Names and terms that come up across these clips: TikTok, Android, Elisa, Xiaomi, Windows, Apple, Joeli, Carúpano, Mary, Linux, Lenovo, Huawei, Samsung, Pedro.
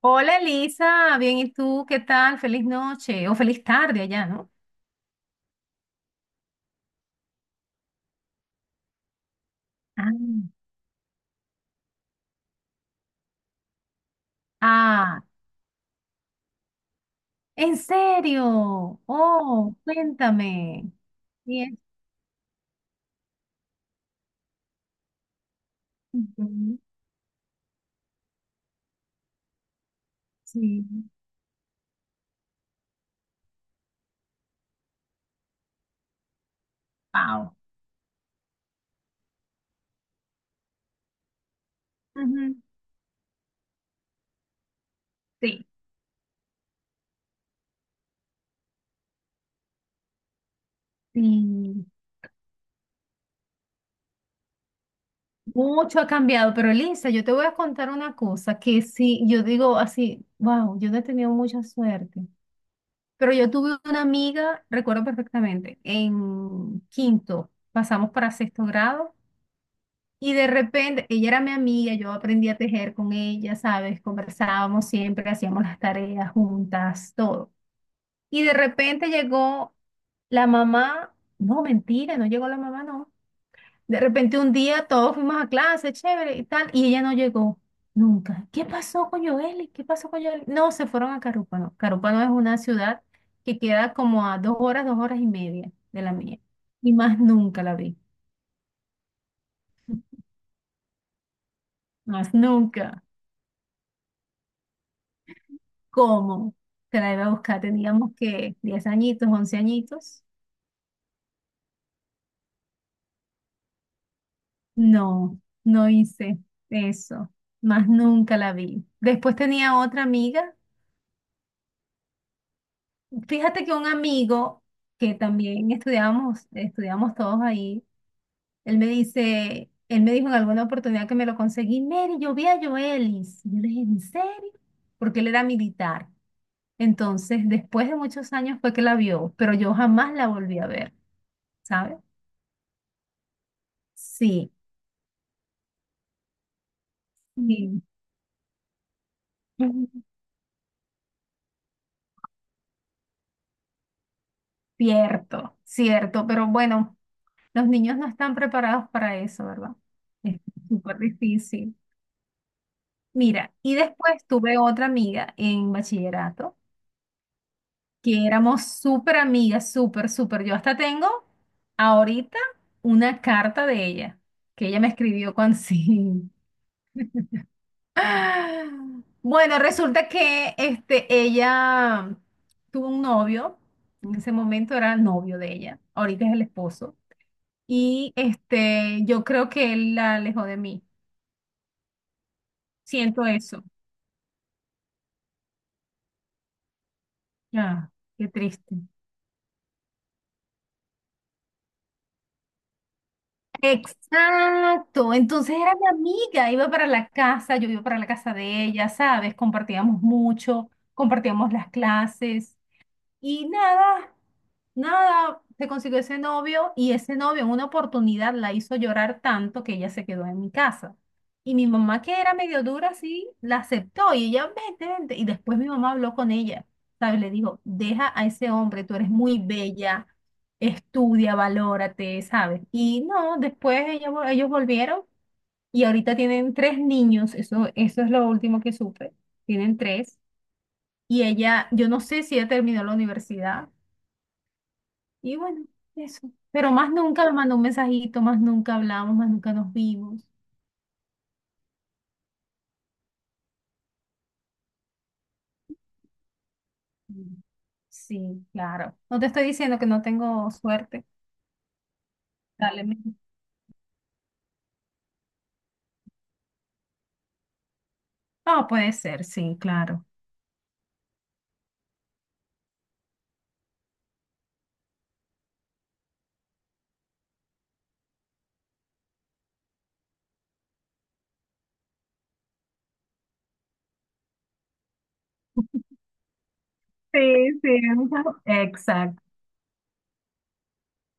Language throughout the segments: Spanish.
Hola Elisa, bien, ¿y tú qué tal? Feliz noche o feliz tarde allá, ¿no? Ah, ah, ¿en serio? Oh, cuéntame. Y es- Ujú. Sí. Wow. Ujú. Sí, sí. Mucho ha cambiado, pero Elisa, yo te voy a contar una cosa que sí, yo digo así, wow, yo no he tenido mucha suerte, pero yo tuve una amiga, recuerdo perfectamente, en quinto, pasamos para sexto grado. Y de repente, ella era mi amiga, yo aprendí a tejer con ella, ¿sabes? Conversábamos siempre, hacíamos las tareas juntas, todo. Y de repente llegó la mamá, no, mentira, no llegó la mamá, no. De repente un día todos fuimos a clase, chévere y tal, y ella no llegó nunca. ¿Qué pasó con Joeli? ¿Qué pasó con Joeli? No, se fueron a Carúpano. Carúpano es una ciudad que queda como a 2 horas, 2 horas y media de la mía. Y más nunca la vi, más nunca. ¿Cómo? Te la iba a buscar. Teníamos que 10 añitos, 11 añitos. No, no hice eso. Más nunca la vi. Después tenía otra amiga. Fíjate que un amigo que también estudiábamos, estudiamos todos ahí, él me dice, él me dijo en alguna oportunidad que me lo conseguí, Mary, yo vi a Joelis. Y yo le dije, ¿en serio? Porque él era militar. Entonces, después de muchos años fue que la vio, pero yo jamás la volví a ver, ¿sabes? Sí. Sí. Ujú. Cierto, cierto, pero bueno, los niños no están preparados para eso, ¿verdad? Es súper difícil. Mira, y después tuve otra amiga en bachillerato, que éramos súper amigas, súper, súper. Yo hasta tengo ahorita una carta de ella, que ella me escribió cuando sí. Ah, bueno, resulta que este, ella tuvo un novio, en ese momento era el novio de ella, ahorita es el esposo, y este, yo creo que él la alejó de mí. Siento eso. Ah, qué triste. Exacto, entonces era mi amiga, iba para la casa, yo iba para la casa de ella, ¿sabes? Compartíamos mucho, compartíamos las clases, y nada, nada, se consiguió ese novio y ese novio en una oportunidad la hizo llorar tanto que ella se quedó en mi casa. Y mi mamá, que era medio dura, sí, la aceptó y ella, vente, vente. Y después mi mamá habló con ella, ¿sabes? Le dijo, deja a ese hombre, tú eres muy bella, estudia, valórate, ¿sabes? Y no, después ella, ellos volvieron y ahorita tienen tres niños, eso es lo último que supe, tienen tres. Y ella, yo no sé si ella terminó la universidad y bueno, eso. Pero más nunca me mandó un mensajito, más nunca hablamos, más nunca nos vimos. Mm. Sí, claro. No te estoy diciendo que no tengo suerte. Dale. Ah, puede ser, sí, claro. Sí, sí. Ajá. Exacto.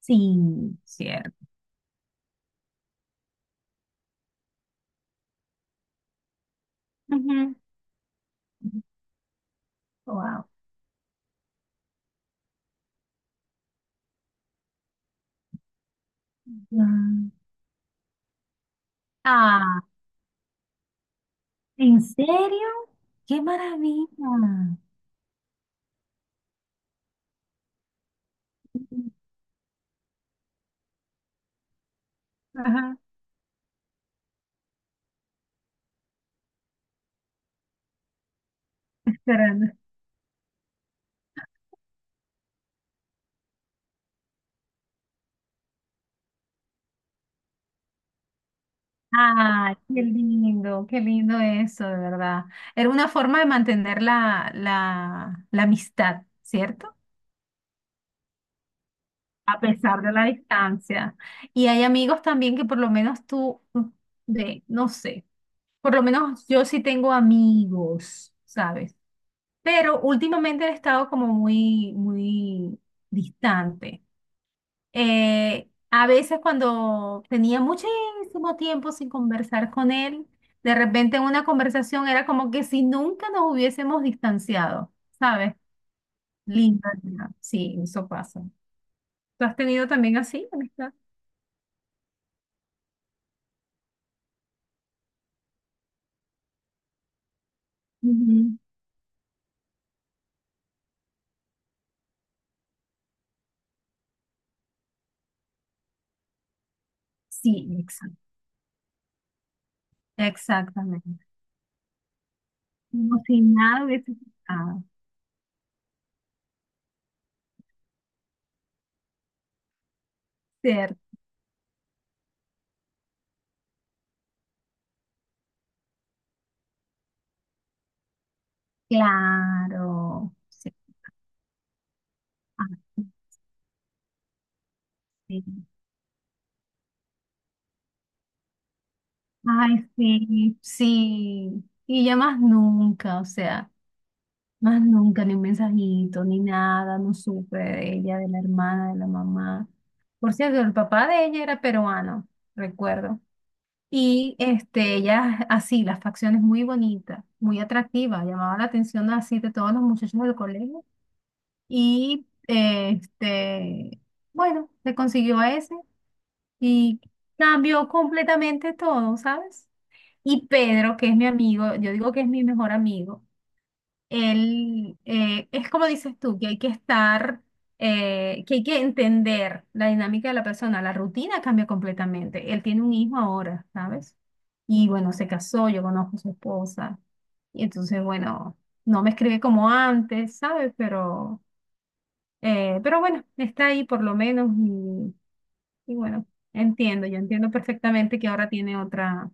Sí, cierto. Ujú. Wow. Mm. Ah, ¿en serio? ¡Qué maravilla! Ajá, esperando. Ah, qué lindo eso, de verdad. Era una forma de mantener la amistad, ¿cierto? A pesar de la distancia. Y hay amigos también que por lo menos tú, de, no sé, por lo menos yo sí tengo amigos, ¿sabes? Pero últimamente he estado como muy, muy distante. A veces cuando tenía muchísimo tiempo sin conversar con él, de repente en una conversación era como que si nunca nos hubiésemos distanciado, ¿sabes? Linda, linda. Sí, eso pasa. ¿Tú has tenido también así, amistad? Ujú. Sí, exacto. Exactamente. Como si nada hubiese pasado. Ser, claro. Sí. Ah, sí. Ay, sí, sí. Y ya más nunca, o sea. Más nunca, ni un mensajito, ni nada, no supe de ella, de la hermana, de la mamá. Por cierto, el papá de ella era peruano, recuerdo. Y este, ella, así, las facciones muy bonitas, muy atractivas, llamaba la atención así de todos los muchachos del colegio. Y este, bueno, se consiguió a ese y cambió completamente todo, ¿sabes? Y Pedro, que es mi amigo, yo digo que es mi mejor amigo el, es como dices tú, que hay que estar, que hay que entender la dinámica de la persona. La rutina cambia completamente. Él tiene un hijo ahora, ¿sabes? Y bueno, se casó, yo conozco a su esposa. Y entonces, bueno, no me escribe como antes, ¿sabes? Pero bueno, está ahí por lo menos. Y bueno, entiendo, yo entiendo perfectamente que ahora tiene otra,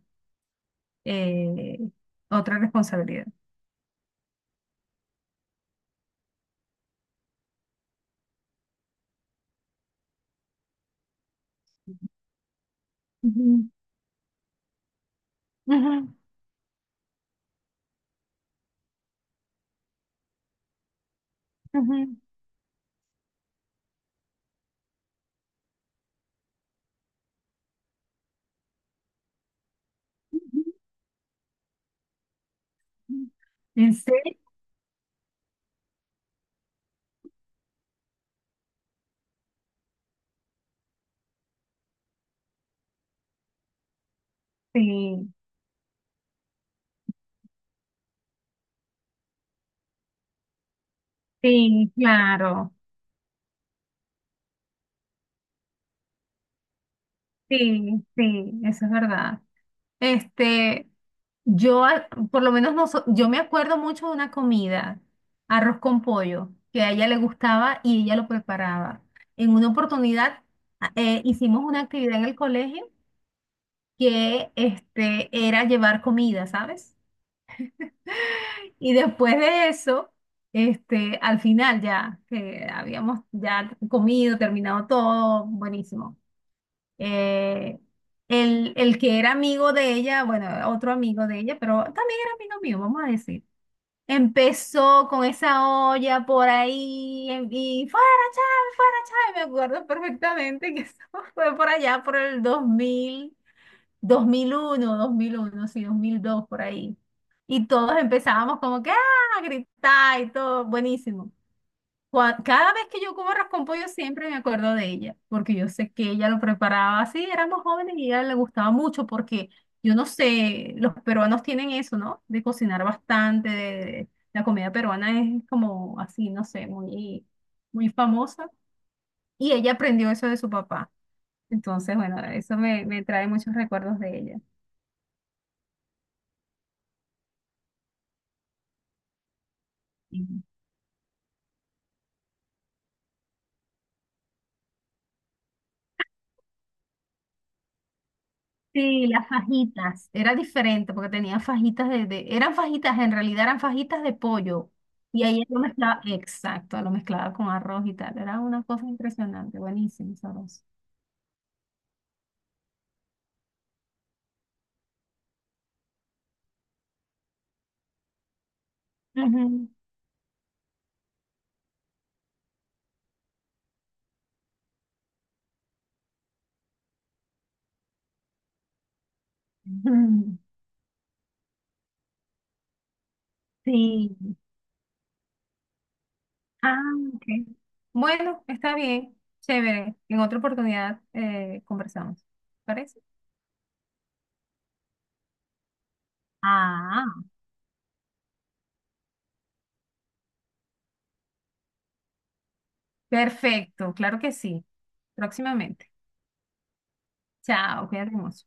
eh, otra responsabilidad. Ujú, ujú, ujú. ¿En serio? Sí, sí, claro. Sí, sí, eso es verdad. Este, yo, por lo menos, no yo me acuerdo mucho de una comida, arroz con pollo, que a ella le gustaba y ella lo preparaba. En una oportunidad, hicimos una actividad en el colegio que, este, era llevar comida, ¿sabes? Y después de eso, este, al final ya, que habíamos ya comido, terminado todo, buenísimo. Eh, el que era amigo de ella, bueno, otro amigo de ella, pero también era amigo mío, vamos a decir. Empezó con esa olla por ahí y fuera, Chávez, fuera, Chávez. Me acuerdo perfectamente que eso fue por allá, por el dos dos mil uno, sí, 2002 por ahí. Y todos empezábamos como que, ah, a gritar y todo, buenísimo. Cada vez que yo como arroz con pollo siempre me acuerdo de ella, porque yo sé que ella lo preparaba así, éramos jóvenes y a ella le gustaba mucho porque yo no sé, los peruanos tienen eso, ¿no? De cocinar bastante, la comida peruana es como así, no sé, muy, muy famosa y ella aprendió eso de su papá. Entonces, bueno, eso me trae muchos recuerdos de ella. Sí, las fajitas. Era diferente porque tenía fajitas Eran fajitas, en realidad eran fajitas de pollo. Y ahí lo mezclaba, exacto, lo mezclaba con arroz y tal. Era una cosa impresionante, buenísimo, sabroso. Ujú. Ujú. Sí. Ah, ok. Bueno, está bien, chévere. En otra oportunidad conversamos. ¿Parece? Ah, perfecto, claro que sí. Próximamente. Chao, cuídate mucho.